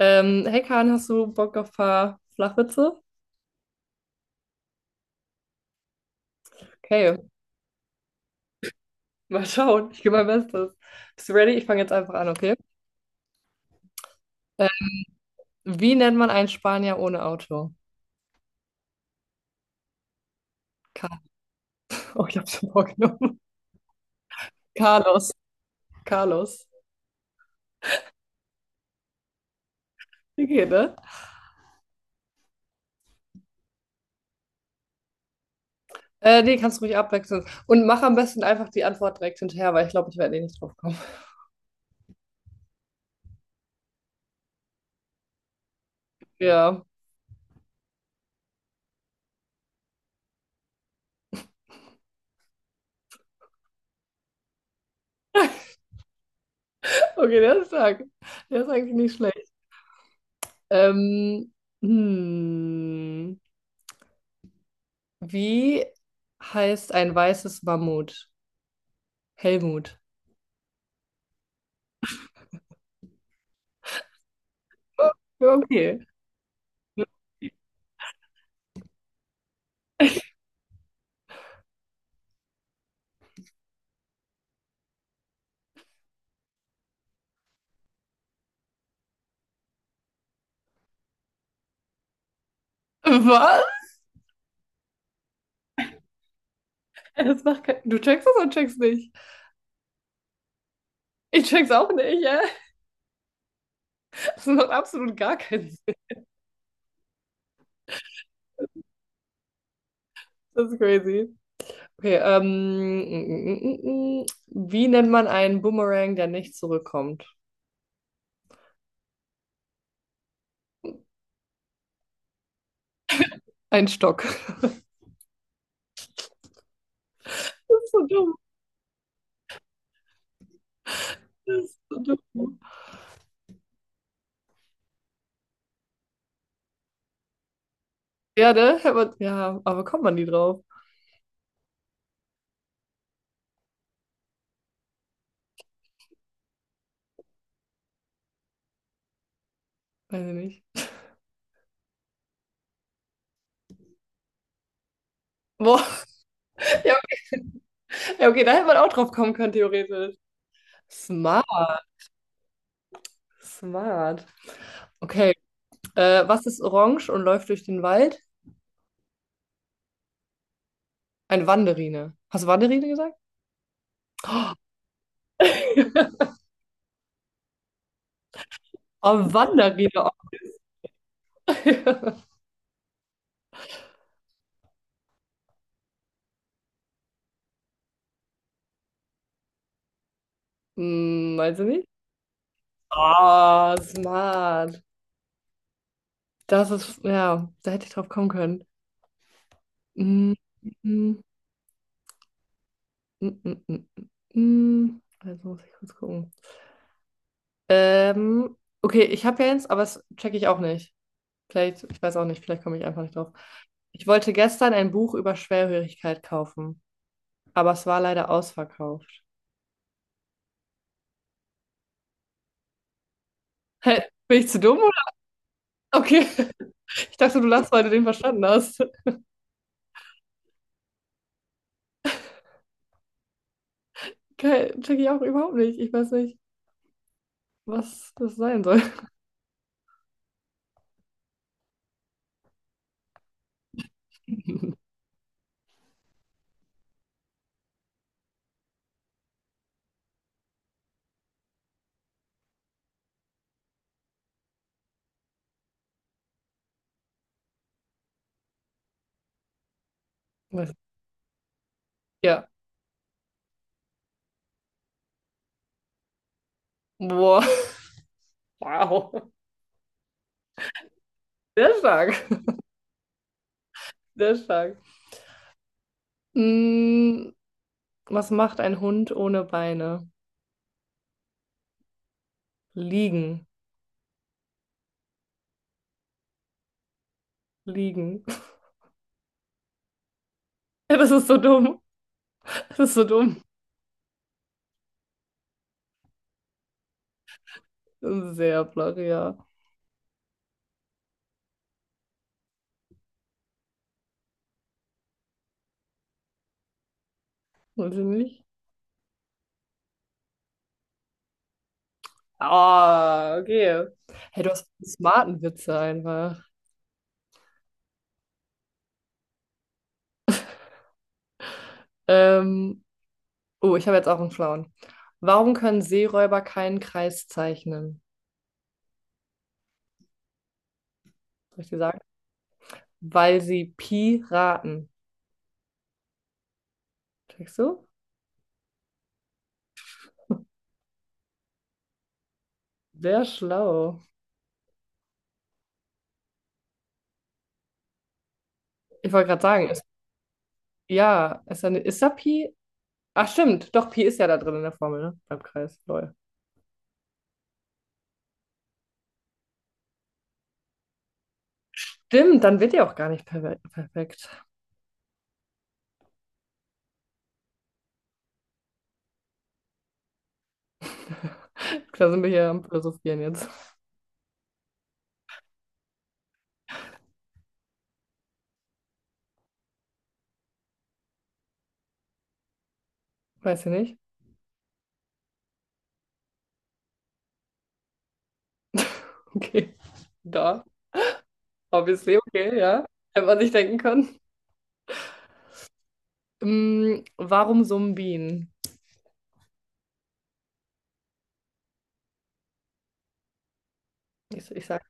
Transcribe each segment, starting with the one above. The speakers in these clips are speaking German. Hey Kahn, hast du Bock auf ein paar Flachwitze? Okay, mal schauen. Ich gebe mein Bestes. Bist du ready? Ich fange jetzt einfach an, okay? Äh, wie nennt man einen Spanier ohne Auto? Car oh, ich habe schon vorgenommen. Carlos. Carlos. Okay, ne? Nee, kannst du ruhig abwechseln. Und mach am besten einfach die Antwort direkt hinterher, weil ich glaube, ich werde eh nicht drauf kommen. Ja. Okay, der ist stark. Der ist eigentlich nicht schlecht. Ähm, hm. Wie heißt ein weißes Mammut? Helmut. Okay. Was? Das macht kein. Du checkst es und checkst nicht. Ich check's auch nicht, ja. Das macht absolut gar keinen Sinn. Das ist crazy. Okay, wie nennt man einen Boomerang, der nicht zurückkommt? Ein Stock. Das ist so dumm. Das ist so dumm. Ja, ne? Hätte ja, aber kommt man die drauf? Weiß ich nicht. Boah, ja, ja, okay, da hätte man auch drauf kommen können, theoretisch. Smart, smart. Okay, was ist orange und läuft durch den Wald? Eine Wanderine. Hast du Wanderine gesagt? Oh, Wanderine. Hm, meinst du nicht? Oh, smart. Das ist, ja, da hätte ich drauf kommen können. Mm, mm, mm, mm, mm, mm. Also muss ich kurz gucken. Ähm, okay, ich habe ja eins, aber das checke ich auch nicht. Vielleicht, ich weiß auch nicht, vielleicht komme ich einfach nicht drauf. Ich wollte gestern ein Buch über Schwerhörigkeit kaufen, aber es war leider ausverkauft. Hä, bin ich zu dumm oder? Okay. Ich dachte, du lachst, weil du den verstanden hast. Geil, check ich auch überhaupt nicht. Ich weiß nicht, was das sein soll. Was? Ja. Boah. Wow. Sehr stark. Sehr stark. Mm, was macht ein Hund ohne Beine? Liegen. Liegen. Ja, das ist so dumm. Das ist so dumm. Sehr flach, ja. Weiß ich nicht. Ah, okay. Hey, du hast einen smarten Witze einfach. Ähm, Oh, ich habe jetzt auch einen schlauen. Warum können Seeräuber keinen Kreis zeichnen? Soll ich dir sagen? Weil sie Piraten. Checkst du? Sehr schlau. Ich wollte gerade sagen, ist, ja, ist da Pi? Ach, stimmt. Doch, Pi ist ja da drin in der Formel, ne? Beim Kreis. Lol. Stimmt, dann wird ja auch gar nicht perfekt. Klar sind wir hier am Philosophieren jetzt. Weiß ich nicht. Okay. Da. Obviously, okay, ja. Hätte man sich denken können. Warum Sumbien? Ich sage.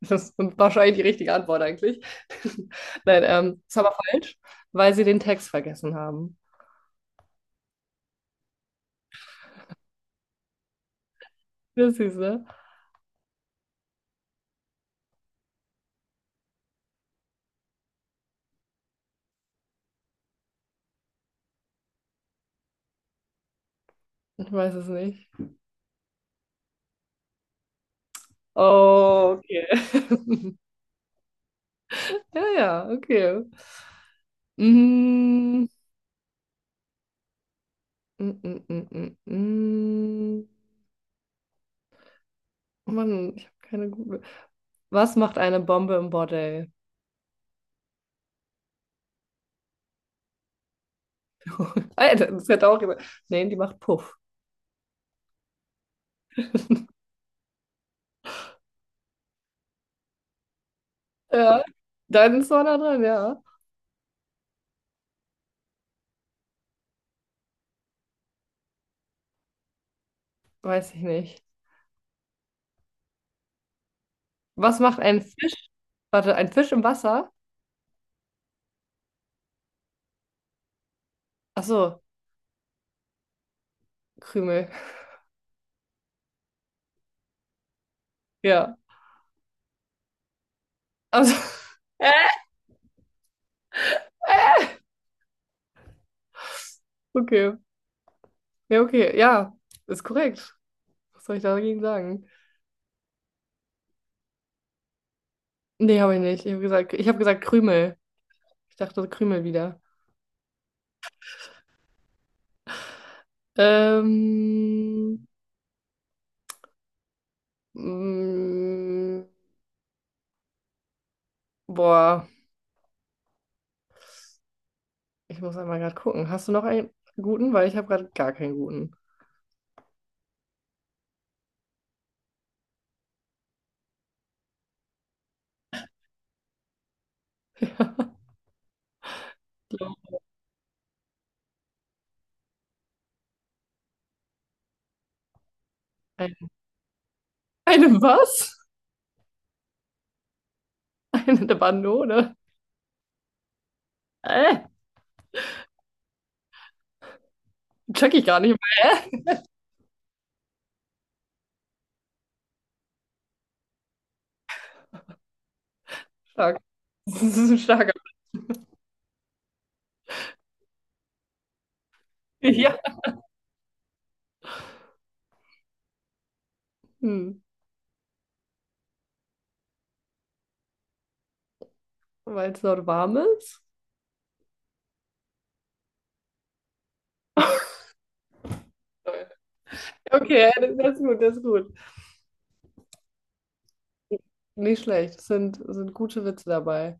Das ist wahrscheinlich die richtige Antwort eigentlich. Nein, ist aber falsch, weil sie den Text vergessen haben. Das ist ne? Ich weiß es nicht. Oh, okay. Ja, ja, okay. Mm, mm, mm, mm, mm. mm. Oh Mann, ich habe keine gute. Was macht eine Bombe im Bordell? Alter, das hätte auch jemand. Nee, die macht Puff. Ja, dann ist man da drin, ja. Weiß ich nicht. Was macht ein Fisch? Warte, ein Fisch im Wasser? Achso, Krümel. Ja. Also, okay. Ja, okay. Ja, ist korrekt. Was soll ich dagegen sagen? Nee, habe ich nicht. Ich habe gesagt, ich hab gesagt Krümel. Ich dachte Krümel wieder. Ähm, mm, boah, ich muss einmal gerade gucken. Hast du noch einen guten? Weil ich habe gerade gar keinen guten. So, ein- eine was? Eine Banone? Äh, check ich gar nicht mehr. Stark. Das ist ein starker. Ja. Hm, weil es dort warm ist? Okay, das ist gut, das ist gut. Nicht schlecht, es sind gute Witze dabei.